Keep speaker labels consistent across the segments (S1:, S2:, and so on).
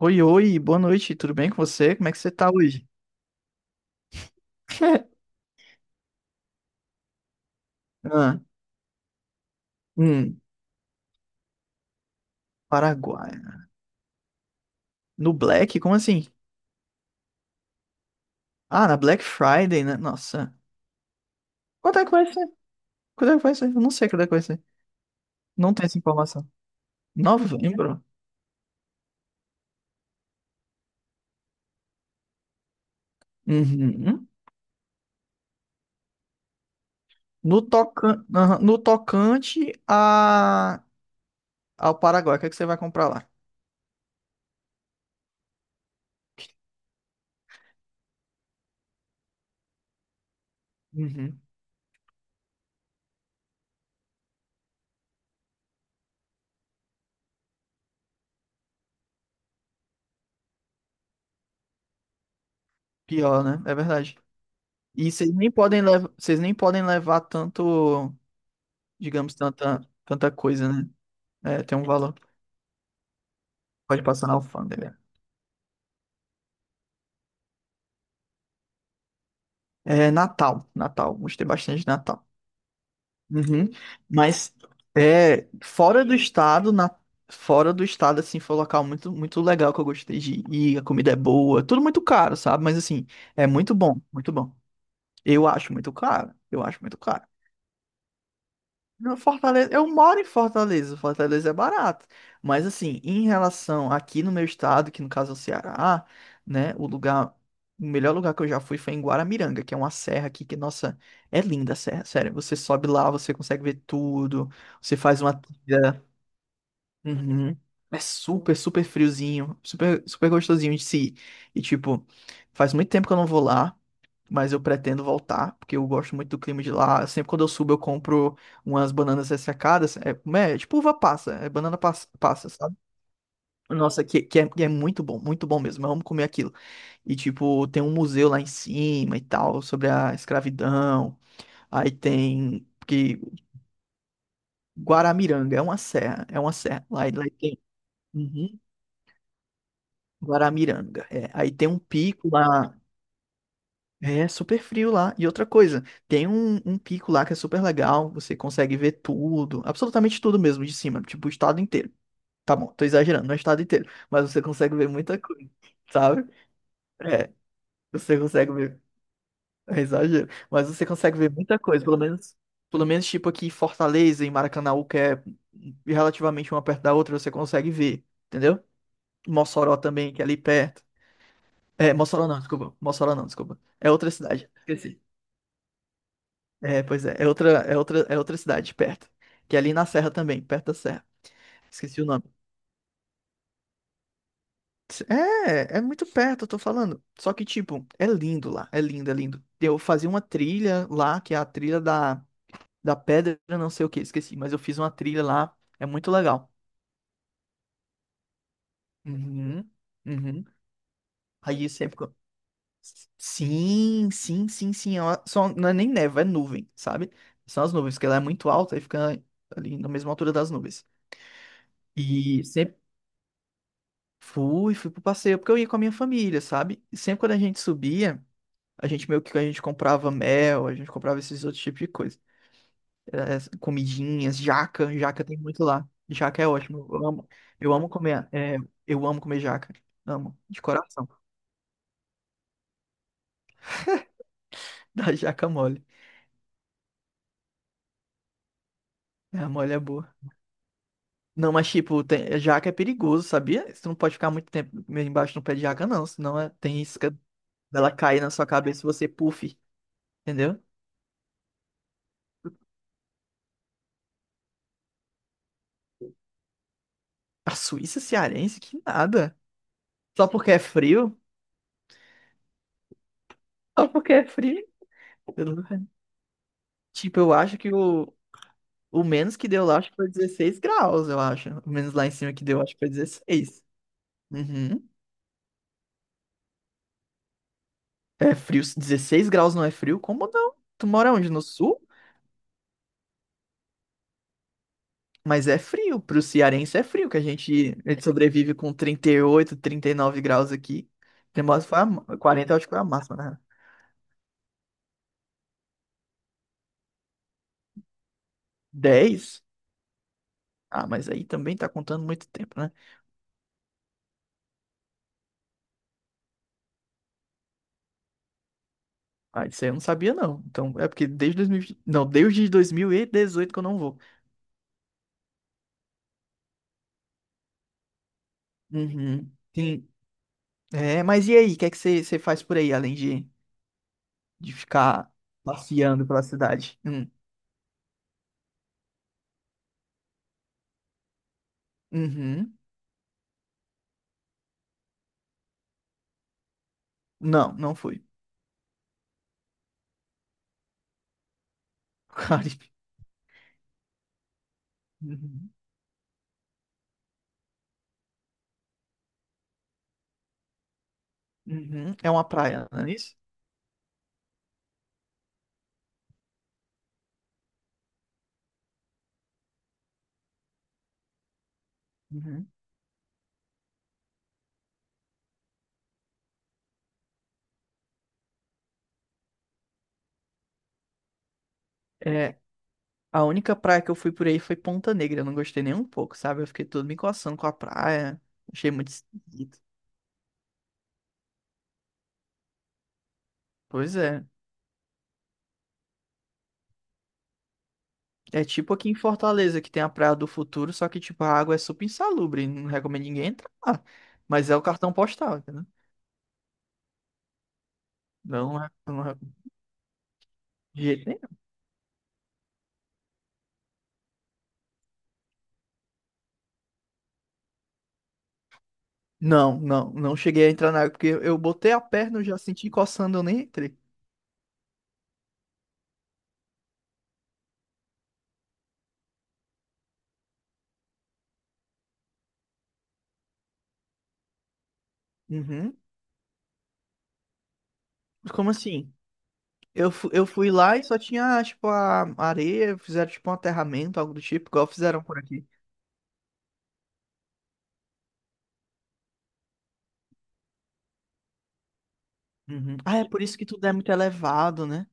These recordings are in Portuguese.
S1: Oi, oi, boa noite, tudo bem com você? Como é que você tá hoje? Ah, hum, Paraguai. No Black? Como assim? Ah, na Black Friday, né? Nossa. Quanto é que vai ser? Quanto é que vai ser? Eu não sei quanto é que vai ser. Não tem essa informação. Novembro? Uhum. Aham, no tocante ao Paraguai, o que é que você vai comprar lá? Uhum. Pior, né? É verdade. Vocês nem podem levar tanto, digamos, tanta coisa, né? É, tem um valor. Pode passar na alfândega. É Natal, Natal. Gostei bastante de Natal. Uhum. Mas é fora do estado, na... fora do estado, assim, foi um local muito, muito legal que eu gostei de ir. A comida é boa, tudo muito caro, sabe? Mas assim, é muito bom, muito bom. Eu acho muito caro. Eu acho muito caro. No Fortaleza, eu moro em Fortaleza, Fortaleza é barato. Mas assim, em relação aqui no meu estado, que no caso é o Ceará, né, o melhor lugar que eu já fui foi em Guaramiranga, que é uma serra aqui que, nossa, é linda a serra, sério. Você sobe lá, você consegue ver tudo, você faz uma trilha. Uhum. É super, super friozinho, super, super gostosinho de se ir. E tipo, faz muito tempo que eu não vou lá, mas eu pretendo voltar, porque eu gosto muito do clima de lá. Sempre quando eu subo, eu compro umas bananas ressecadas. É, como é? É tipo uva passa, é banana passa, passa, sabe? Nossa, que é muito bom mesmo. Eu amo comer aquilo. E, tipo, tem um museu lá em cima e tal, sobre a escravidão. Aí tem que Guaramiranga, é uma serra, é uma serra. Lá tem. Uhum. Guaramiranga, é. Aí tem um pico lá. É super frio lá. E outra coisa, tem um pico lá que é super legal, você consegue ver tudo, absolutamente tudo mesmo de cima, tipo o estado inteiro. Tá bom, tô exagerando, não é o estado inteiro, mas você consegue ver muita coisa, sabe? É, você consegue ver, é exagero, mas você consegue ver muita coisa, pelo menos tipo aqui em Fortaleza e Maracanaú, que é relativamente uma perto da outra, você consegue ver, entendeu? Mossoró também, que é ali perto. É, Mossoró não, desculpa, Mossoró não, desculpa. É outra cidade, esqueci. É, pois é. É outra cidade perto. Que é ali na serra também, perto da serra. Esqueci o nome. É muito perto, eu tô falando. Só que, tipo, é lindo lá. É lindo, é lindo. Eu fazia uma trilha lá, que é a trilha da pedra, não sei o que, esqueci. Mas eu fiz uma trilha lá. É muito legal. Uhum, uhum. Aí sempre. co- Sim, sim, sim, sim. Só, não é nem neve, é nuvem, sabe? São as nuvens, porque ela é muito alta e fica ali na mesma altura das nuvens. E sempre fui pro passeio, porque eu ia com a minha família, sabe? E sempre quando a gente subia, a gente comprava mel, a gente comprava esses outros tipos de coisa. As comidinhas, jaca, jaca tem muito lá. Jaca é ótimo, eu amo, comer, eu amo comer jaca, amo, de coração. Da jaca mole, a mole é boa. Não, mas tipo, jaca é perigoso, sabia? Você não pode ficar muito tempo meio embaixo do pé de jaca, não, senão tem isca dela cair na sua cabeça e você puff, entendeu? A Suíça cearense, que nada. Só porque é frio? Só porque é frio. Eu não- Tipo, eu acho que o menos que deu lá acho que foi 16 graus, eu acho. O menos lá em cima que deu acho que foi 16. Uhum. É frio. 16 graus não é frio? Como não? Tu mora onde? No sul? Mas é frio. Pro cearense é frio, que a gente sobrevive com 38, 39 graus aqui. Tem mais foi 40, eu acho que foi a máxima, né? 10? Ah, mas aí também tá contando muito tempo, né? Ah, isso aí eu não sabia, não. Então, é porque desde 2000, não, desde 2018 que eu não vou. Uhum. Sim. É, mas e aí? O que é que você faz por aí, além de ficar passeando pela cidade? Hum. Uhum. Não, não fui. Caribe. Uhum. Uhum. É uma praia, não é isso? Uhum. É, a única praia que eu fui por aí foi Ponta Negra. Eu não gostei nem um pouco, sabe? Eu fiquei todo me coçando com a praia. Achei muito esquisito. Pois é. É tipo aqui em Fortaleza, que tem a Praia do Futuro, só que, tipo, a água é super insalubre, não recomendo ninguém entrar lá. Mas é o cartão postal, entendeu? Não é, não é de jeito nenhum. Não, não, não cheguei a entrar na água, porque eu botei a perna, eu já senti coçando, eu nem entrei. Uhum. Como assim? Eu fui lá e só tinha, tipo, a areia, fizeram, tipo, um aterramento, algo do tipo, igual fizeram por aqui. Uhum. Ah, é por isso que tudo é muito elevado, né?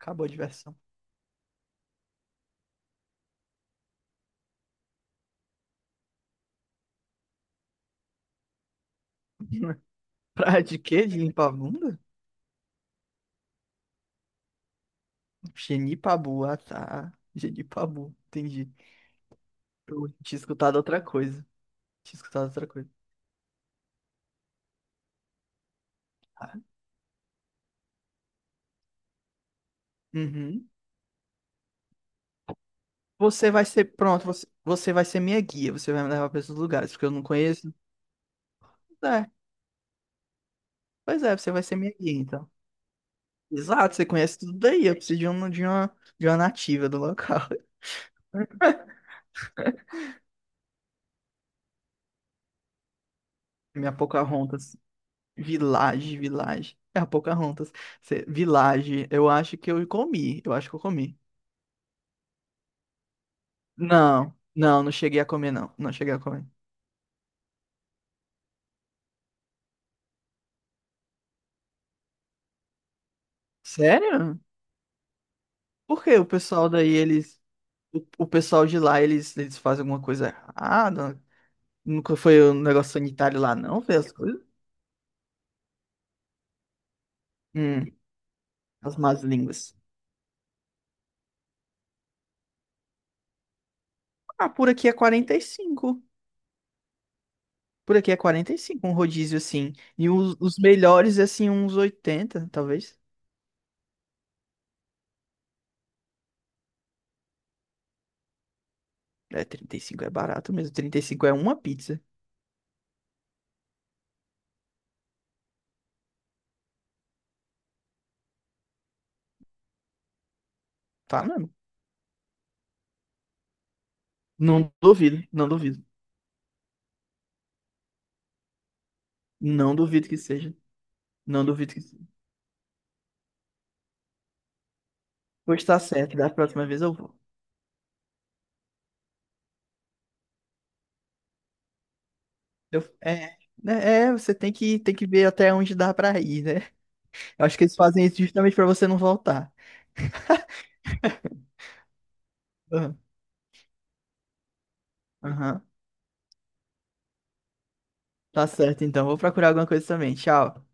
S1: Acabou a diversão. Praia de quê? De limpar a bunda? Genipabu, ah tá. Genipabu, entendi. Eu tinha escutado outra coisa. Tinha escutado outra coisa. Ah, uhum. Você vai ser, pronto, você vai ser minha guia, você vai me levar para esses lugares, porque eu não conheço. É, pois é, você vai ser minha guia, então. Exato, você conhece tudo daí, eu preciso de uma, de uma nativa do local. Minha Pocahontas, Village, Village. É a Pocahontas. Village, eu acho que eu comi, eu acho que eu comi. Não, não, não cheguei a comer, não. Não cheguei a comer. Sério? Por que o pessoal daí, eles. O pessoal de lá, eles fazem alguma coisa errada? Nunca foi um negócio sanitário lá, não? Foi as coisas? Hum, as más línguas. Ah, por aqui é 45. Por aqui é 45 um rodízio assim. E os melhores, assim, uns 80 talvez. É, 35 é barato mesmo. 35 é uma pizza. Tá mesmo? Não duvido, não duvido. Não duvido que seja. Não duvido que seja. Pois tá certo, da próxima vez eu vou. É, né, é, você tem que, ver até onde dá pra ir, né? Eu acho que eles fazem isso justamente pra você não voltar. Aham, aham. Tá certo, então. Vou procurar alguma coisa também. Tchau.